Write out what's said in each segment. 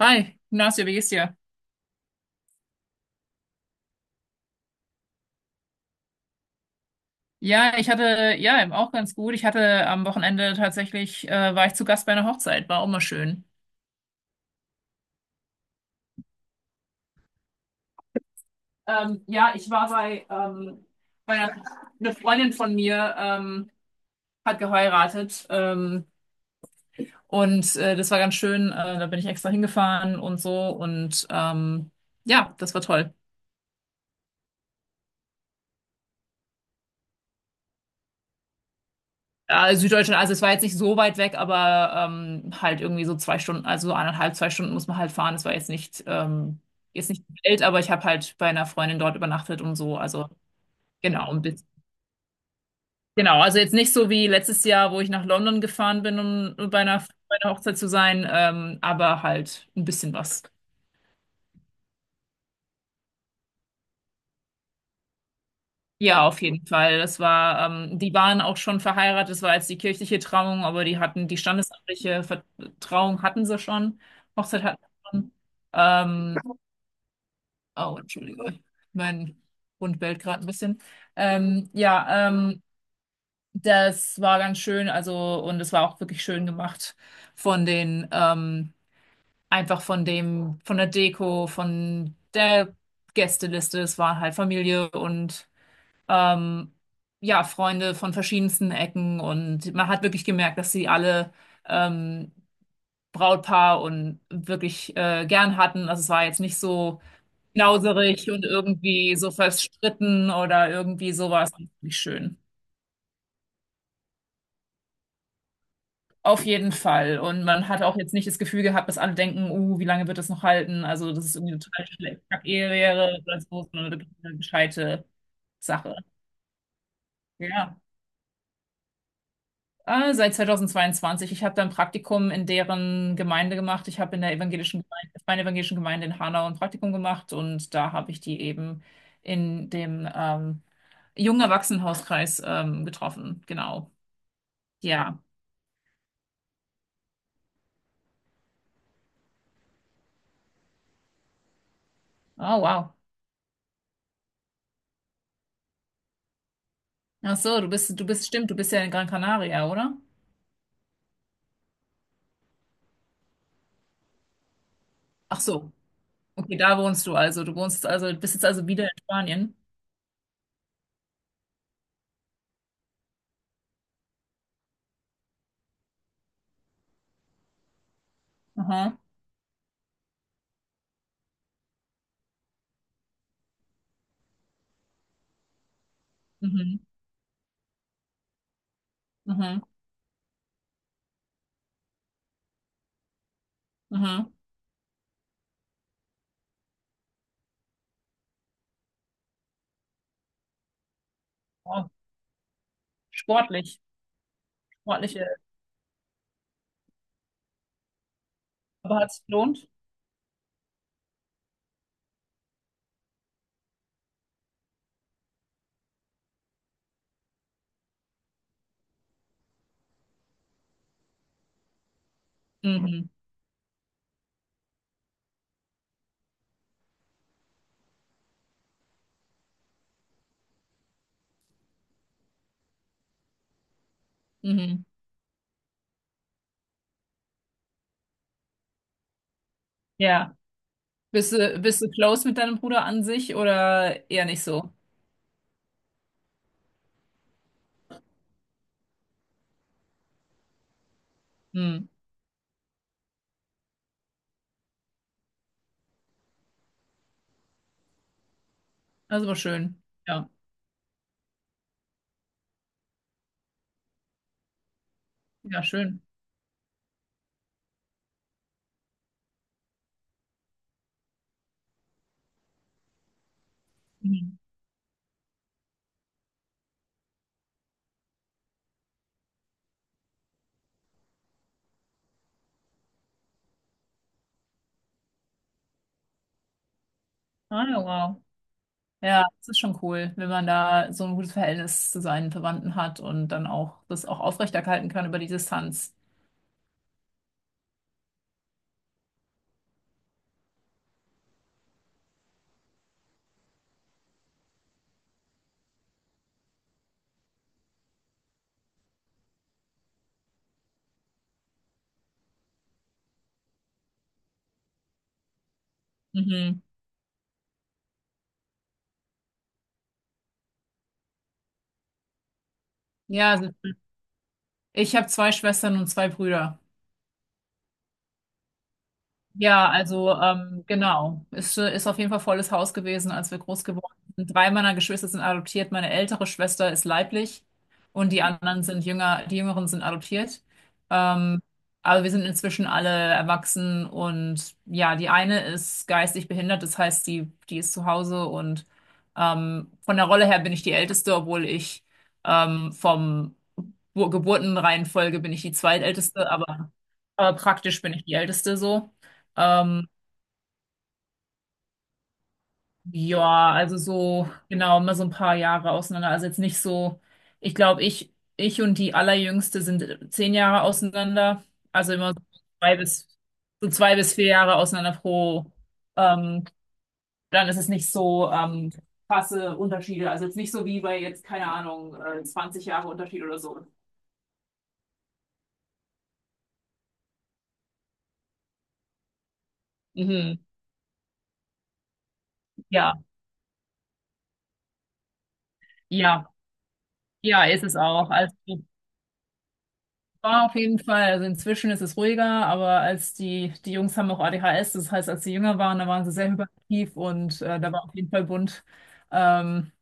Hi, Ignacio, wie geht's dir? Ja, ich hatte, ja, eben auch ganz gut. Ich hatte am Wochenende tatsächlich, war ich zu Gast bei einer Hochzeit, war auch mal schön. Ja, ich war bei, bei einer, eine Freundin von mir, hat geheiratet, und das war ganz schön. Da bin ich extra hingefahren und so und ja, das war toll. Ja, Süddeutschland, also es war jetzt nicht so weit weg, aber halt irgendwie so 2 Stunden, also so eineinhalb, 2 Stunden muss man halt fahren. Es war jetzt nicht die Welt, aber ich habe halt bei einer Freundin dort übernachtet und so. Also genau, ein bisschen. Genau, also jetzt nicht so wie letztes Jahr, wo ich nach London gefahren bin, um bei einer, bei einer Hochzeit zu sein, aber halt ein bisschen was. Ja, auf jeden Fall. Das war, die waren auch schon verheiratet. Das war jetzt die kirchliche Trauung, aber die hatten die standesamtliche Trauung hatten sie schon. Hochzeit hatten sie schon. Ähm, oh, Entschuldigung, mein Hund bellt gerade ein bisschen. Ähm, ja, ähm, das war ganz schön. Also und es war auch wirklich schön gemacht von den einfach von dem von der Deko, von der Gästeliste. Es war halt Familie und ähm, ja, Freunde von verschiedensten Ecken und man hat wirklich gemerkt, dass sie alle ähm, Brautpaar und wirklich gern hatten. Also es war jetzt nicht so knauserig und irgendwie so verstritten oder irgendwie sowas. Nicht schön. Auf jeden Fall. Und man hat auch jetzt nicht das Gefühl gehabt, dass alle denken, wie lange wird das noch halten? Also, das ist irgendwie eine total schlecht Ehe wäre oder so, sondern wirklich eine gescheite Sache. Ja. Seit 2022. Ich habe da ein Praktikum in deren Gemeinde gemacht. Ich habe in der evangelischen Gemeinde, meiner evangelischen Gemeinde in Hanau ein Praktikum gemacht und da habe ich die eben in dem jungen Erwachsenenhauskreis getroffen. Genau. Ja. Oh, wow. Ach so, stimmt, du bist ja in Gran Canaria, oder? Ach so. Okay, da wohnst du also. Du wohnst also, bist jetzt also wieder in Spanien. Aha. Mhm. Mhm. Mhm. Oh, sportlich. Sportliche, aber hat es gelohnt? Mhm. Mhm. Ja. Bist du close mit deinem Bruder an sich oder eher nicht so? Hm. Also war schön. Ja. Ja, schön. Mhm. Ah, ja, wow. Ja, das ist schon cool, wenn man da so ein gutes Verhältnis zu seinen Verwandten hat und dann auch das auch aufrechterhalten kann über die Distanz. Mhm. Ja, also ich habe zwei Schwestern und zwei Brüder. Ja, also genau. Ist auf jeden Fall volles Haus gewesen, als wir groß geworden sind. Drei meiner Geschwister sind adoptiert. Meine ältere Schwester ist leiblich und die anderen sind jünger, die Jüngeren sind adoptiert. Ähm, aber wir sind inzwischen alle erwachsen und ja, die eine ist geistig behindert, das heißt, die ist zu Hause und von der Rolle her bin ich die Älteste, obwohl ich vom Geburtenreihenfolge bin ich die Zweitälteste, aber praktisch bin ich die Älteste so. Ähm, ja, also so, genau, immer so ein paar Jahre auseinander. Also jetzt nicht so, ich glaube, ich und die Allerjüngste sind 10 Jahre auseinander. Also immer zwei bis, so 2 bis 4 Jahre auseinander pro. Ähm, dann ist es nicht so krasse Unterschiede. Also jetzt nicht so wie bei jetzt, keine Ahnung, 20 Jahre Unterschied oder so. Mhm. Ja, ja, ja, ist es auch. Also ja, auf jeden Fall. Also inzwischen ist es ruhiger, aber als die Jungs haben auch ADHS, das heißt, als sie jünger waren, da waren sie sehr hyperaktiv und da war auf jeden Fall bunt. Ähm,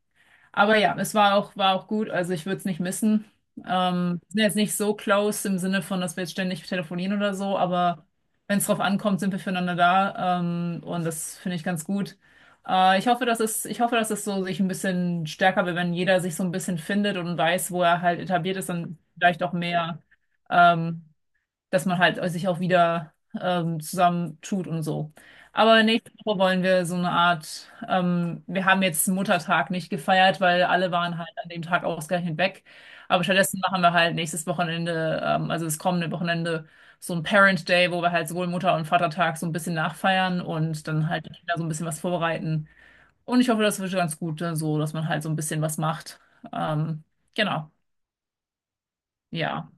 aber ja, war auch gut. Also ich würde es nicht missen. Wir sind jetzt nicht so close im Sinne von, dass wir jetzt ständig telefonieren oder so, aber wenn es drauf ankommt, sind wir füreinander da. Und das finde ich ganz gut. Ich hoffe, dass es so sich ein bisschen stärker wird, wenn jeder sich so ein bisschen findet und weiß, wo er halt etabliert ist, dann vielleicht auch mehr ähm, dass man halt sich auch wieder zusammentut und so. Aber nächste Woche wollen wir so eine Art, wir haben jetzt Muttertag nicht gefeiert, weil alle waren halt an dem Tag ausgerechnet weg. Aber stattdessen machen wir halt nächstes Wochenende, also das kommende Wochenende, so ein Parent Day, wo wir halt sowohl Mutter- und Vatertag so ein bisschen nachfeiern und dann halt wieder so ein bisschen was vorbereiten. Und ich hoffe, das wird ganz gut, so, dass man halt so ein bisschen was macht. Ähm, genau. Ja.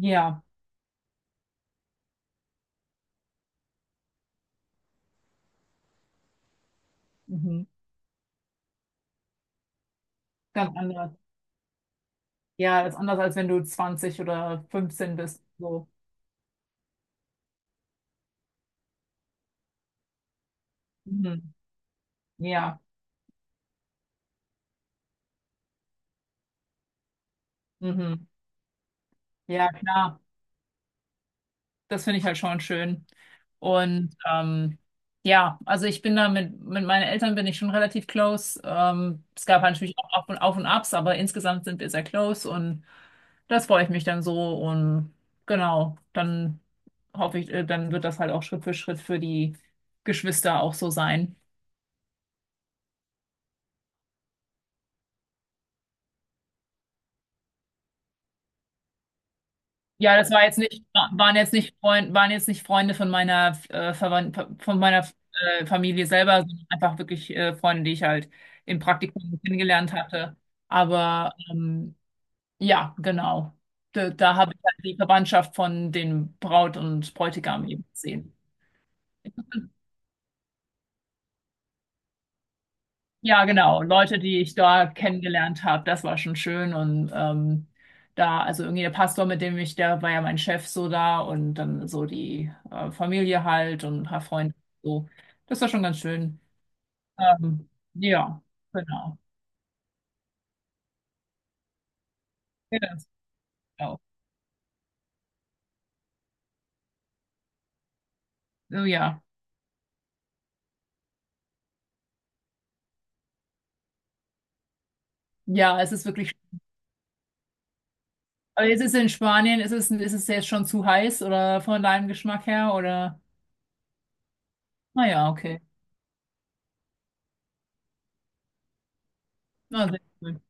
Ja. Mhm. Ganz anders. Ja, das ist anders, als wenn du 20 oder 15 bist. So. Mhm. Ja, mhm. Ja, klar. Das finde ich halt schon schön. Und ja, also ich bin da mit meinen Eltern bin ich schon relativ close. Es gab halt natürlich auch Auf und Abs, aber insgesamt sind wir sehr close und das freue ich mich dann so. Und genau, dann hoffe ich, dann wird das halt auch Schritt für die Geschwister auch so sein. Ja, das war jetzt nicht, waren jetzt nicht Freunde von meiner von meiner Familie selber, sondern einfach wirklich Freunde, die ich halt im Praktikum kennengelernt hatte. Aber ja, genau. Da habe ich halt die Verwandtschaft von den Braut und Bräutigam eben gesehen. Ja, genau. Leute, die ich da kennengelernt habe, das war schon schön. Und also irgendwie der Pastor, der war ja mein Chef so da und dann so die Familie halt und ein paar Freunde. So. Das war schon ganz schön. Ähm, ja, genau. Ja, das- genau. Oh, ja. Ja, es ist wirklich. Aber ist es jetzt schon zu heiß oder von deinem Geschmack her? Oder? Naja, okay. Na, sehr cool.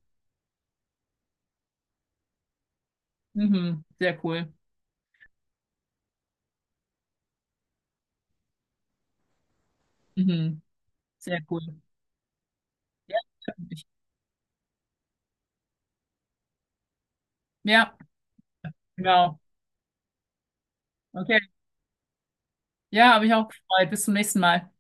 Mhm, sehr cool. Mhm, sehr cool. Ja, natürlich. Ja. Genau. Okay. Ja, habe ich auch gefreut. Bis zum nächsten Mal.